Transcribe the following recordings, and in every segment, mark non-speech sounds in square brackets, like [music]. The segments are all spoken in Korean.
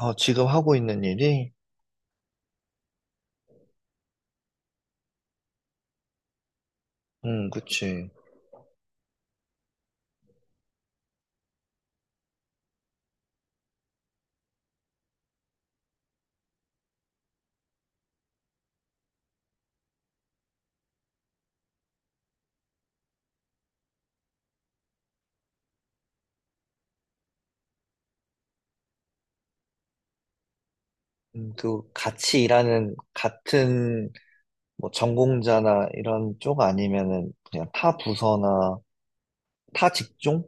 어, 지금 하고 있는 일이? 그치. 그, 같이 일하는, 같은, 뭐, 전공자나 이런 쪽 아니면은, 그냥 타 부서나, 타 직종?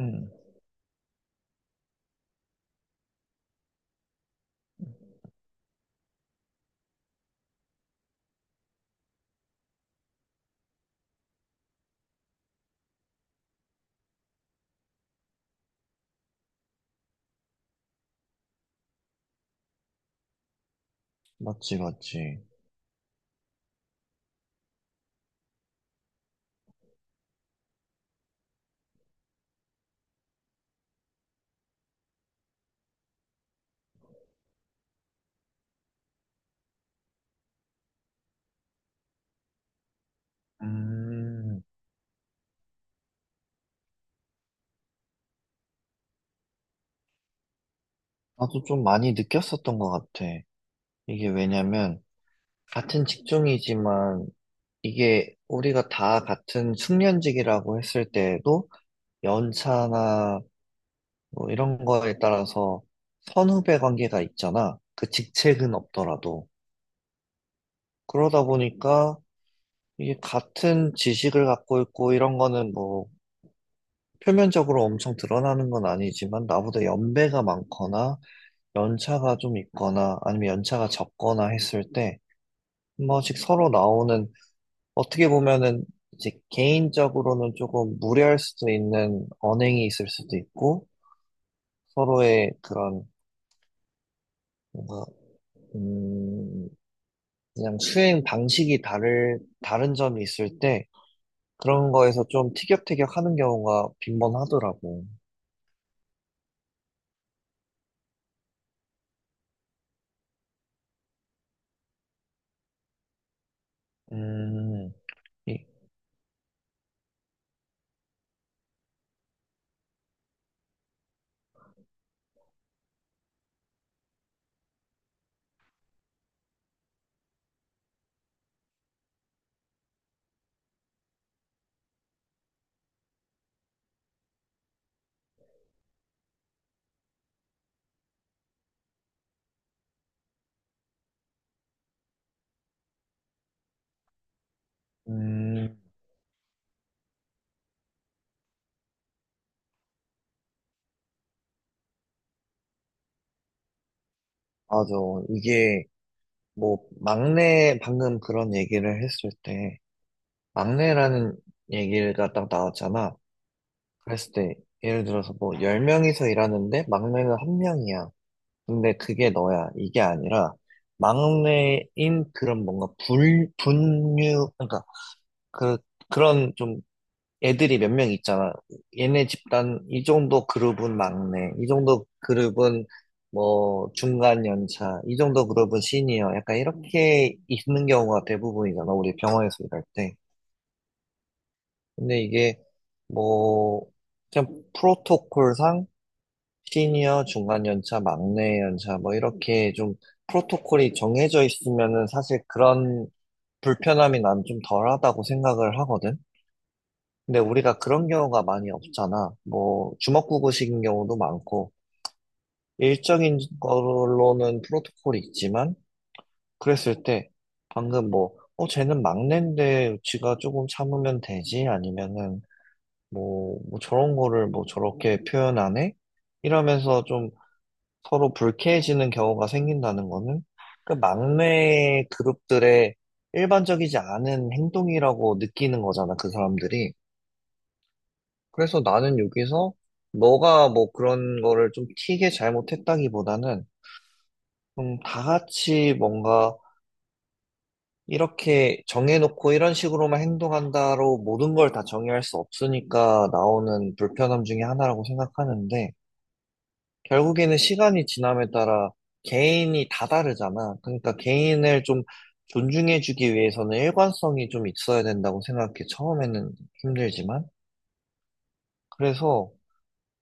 음, 맞지. 음, 나도 좀 많이 느꼈었던 것 같아. 이게 왜냐면, 같은 직종이지만, 이게 우리가 다 같은 숙련직이라고 했을 때에도, 연차나 뭐 이런 거에 따라서 선후배 관계가 있잖아. 그 직책은 없더라도. 그러다 보니까 이게 같은 지식을 갖고 있고 이런 거는 뭐 표면적으로 엄청 드러나는 건 아니지만 나보다 연배가 많거나 연차가 좀 있거나 아니면 연차가 적거나 했을 때 한 번씩 서로 나오는 어떻게 보면은 이제 개인적으로는 조금 무례할 수도 있는 언행이 있을 수도 있고 서로의 그런 뭔가 음, 그냥 수행 방식이 다를, 다른 점이 있을 때 그런 거에서 좀 티격태격 하는 경우가 빈번하더라고. 음, 이- 음, 맞아. 이게 뭐 막내, 방금 그런 얘기를 했을 때 막내라는 얘기가 딱 나왔잖아. 그랬을 때 예를 들어서 뭐 10명이서 일하는데 막내는 한 명이야. 근데 그게 너야. 이게 아니라 막내인 그런 뭔가 불, 분류, 그러니까 그 그런 좀 애들이 몇 명 있잖아. 얘네 집단, 이 정도 그룹은 막내, 이 정도 그룹은 뭐 중간 연차, 이 정도 그룹은 시니어. 약간 이렇게 있는 경우가 대부분이잖아. 우리 병원에서 일할 때. 근데 이게 뭐, 그냥 프로토콜상 시니어, 중간 연차, 막내 연차, 뭐 이렇게 좀 프로토콜이 정해져 있으면은 사실 그런 불편함이 난 좀 덜하다고 생각을 하거든. 근데 우리가 그런 경우가 많이 없잖아. 뭐, 주먹구구식인 경우도 많고, 일정인 걸로는 프로토콜이 있지만, 그랬을 때, 방금 뭐, 쟤는 막내인데, 지가 조금 참으면 되지? 아니면은, 뭐, 뭐 저런 거를 뭐 저렇게 표현하네? 이러면서 좀 서로 불쾌해지는 경우가 생긴다는 거는, 그 막내 그룹들의 일반적이지 않은 행동이라고 느끼는 거잖아, 그 사람들이. 그래서 나는 여기서 너가 뭐 그런 거를 좀 튀게 잘못했다기보다는 좀 다 같이 뭔가 이렇게 정해놓고 이런 식으로만 행동한다로 모든 걸 다 정의할 수 없으니까 나오는 불편함 중에 하나라고 생각하는데 결국에는 시간이 지남에 따라 개인이 다 다르잖아. 그러니까 개인을 좀 존중해주기 위해서는 일관성이 좀 있어야 된다고 생각해. 처음에는 힘들지만. 그래서,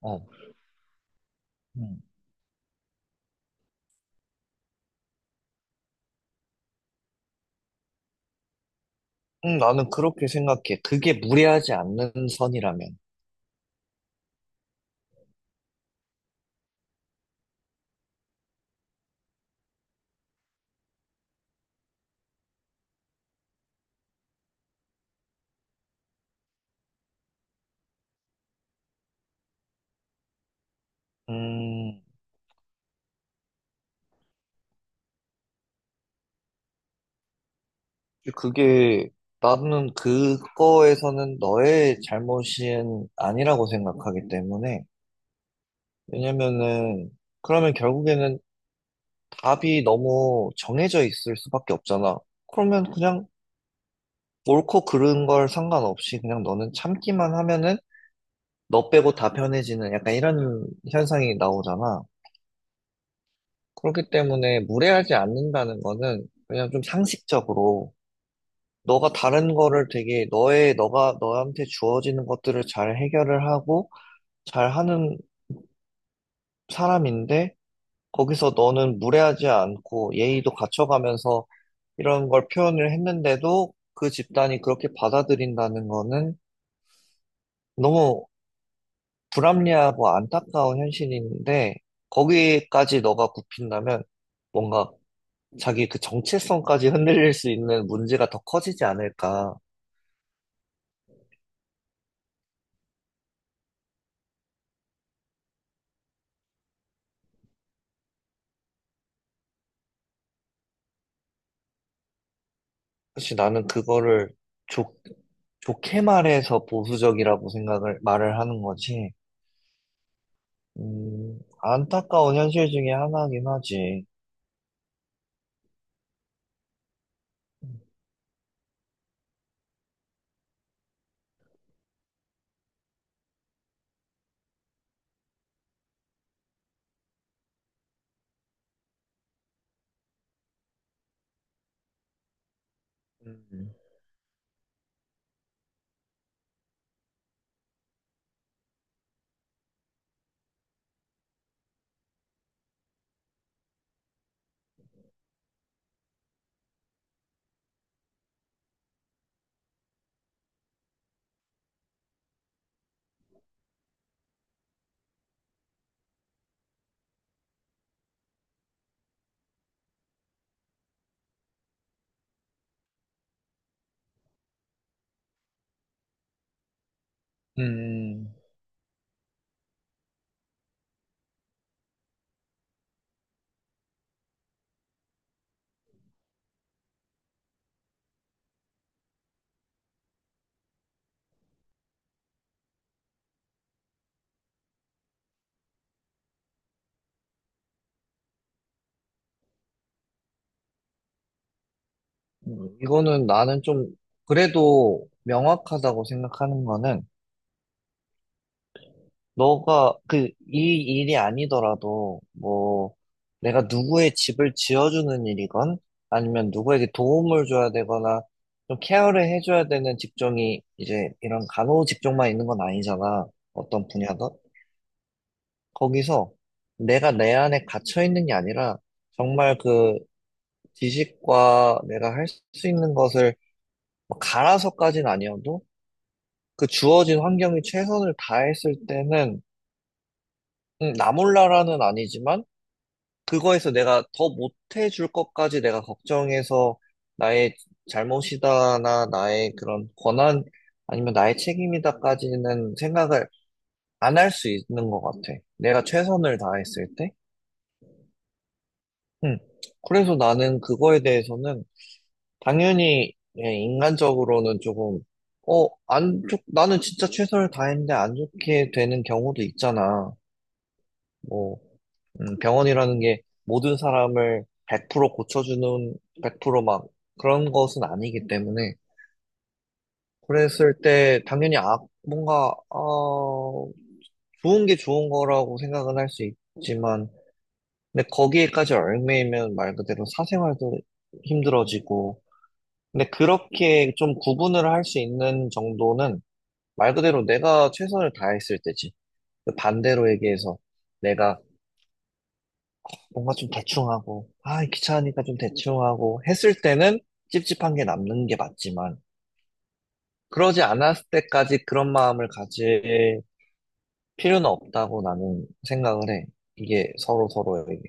어. 음. 나는 그렇게 생각해. 그게 무례하지 않는 선이라면. 음, 그게, 나는 그거에서는 너의 잘못은 아니라고 생각하기 때문에. 왜냐면은, 그러면 결국에는 답이 너무 정해져 있을 수밖에 없잖아. 그러면 그냥 옳고 그른 걸 상관없이 그냥 너는 참기만 하면은 너 빼고 다 편해지는 약간 이런 현상이 나오잖아. 그렇기 때문에 무례하지 않는다는 거는 그냥 좀 상식적으로 너가 다른 거를 되게 너의 너가 너한테 주어지는 것들을 잘 해결을 하고 잘 하는 사람인데 거기서 너는 무례하지 않고 예의도 갖춰가면서 이런 걸 표현을 했는데도 그 집단이 그렇게 받아들인다는 거는 너무 불합리하고 안타까운 현실인데 거기까지 너가 굽힌다면 뭔가 자기 그 정체성까지 [laughs] 흔들릴 수 있는 문제가 더 커지지 않을까. 사실 나는 그거를 좋 좋게 말해서 보수적이라고 생각을, 말을 하는 거지. 안타까운 현실 중에 하나긴 하지. 음, 음, 이거는 나는 좀, 그래도 명확하다고 생각하는 거는, 너가, 그, 이 일이 아니더라도, 뭐, 내가 누구의 집을 지어주는 일이건, 아니면 누구에게 도움을 줘야 되거나, 좀 케어를 해줘야 되는 직종이, 이제, 이런 간호 직종만 있는 건 아니잖아. 어떤 분야든. 거기서 내가 내 안에 갇혀 있는 게 아니라 정말 그 지식과 내가 할 수 있는 것을 뭐 갈아서까지는 아니어도 그 주어진 환경이 최선을 다했을 때는 나 몰라라는 아니지만 그거에서 내가 더 못해줄 것까지 내가 걱정해서 나의 잘못이다나 나의 그런 권한 아니면 나의 책임이다까지는 생각을 안 할 수 있는 것 같아. 내가 최선을 다했을 때. 음. 그래서 나는 그거에 대해서는 당연히 예, 인간적으로는 조금 안 좋, 나는 진짜 최선을 다했는데 안 좋게 되는 경우도 있잖아. 뭐 병원이라는 게 모든 사람을 100% 고쳐주는 100%막 그런 것은 아니기 때문에 그랬을 때 당연히 아, 뭔가 어, 좋은 게 좋은 거라고 생각은 할 수 있지만 근데 거기에까지 얽매이면 말 그대로 사생활도 힘들어지고 근데 그렇게 좀 구분을 할 수 있는 정도는 말 그대로 내가 최선을 다했을 때지. 그 반대로 얘기해서 내가 뭔가 좀 대충하고, 아, 귀찮으니까 좀 대충하고 했을 때는 찝찝한 게 남는 게 맞지만, 그러지 않았을 때까지 그런 마음을 가질 필요는 없다고 나는 생각을 해. 이게 서로 서로에게.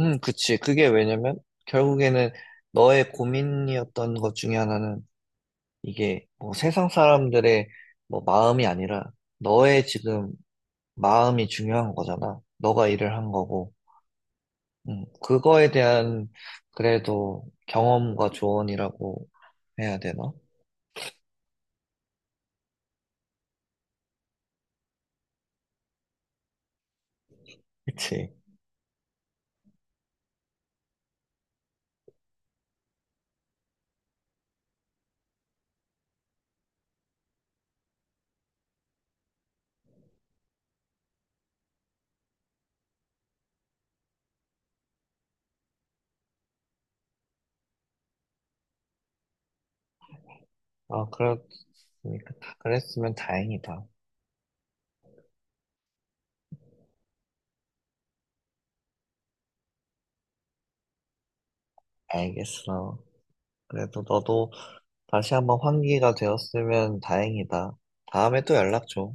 그치. 그게 왜냐면 결국에는 너의 고민이었던 것 중에 하나는 이게 뭐 세상 사람들의 뭐 마음이 아니라 너의 지금 마음이 중요한 거잖아. 너가 일을 한 거고. 그거에 대한 그래도 경험과 조언이라고 해야 되나? [laughs] 그치? 아, 그렇으니까 다 그랬으면 다행이다. 알겠어. 그래도 너도 다시 한번 환기가 되었으면 다행이다. 다음에 또 연락 줘.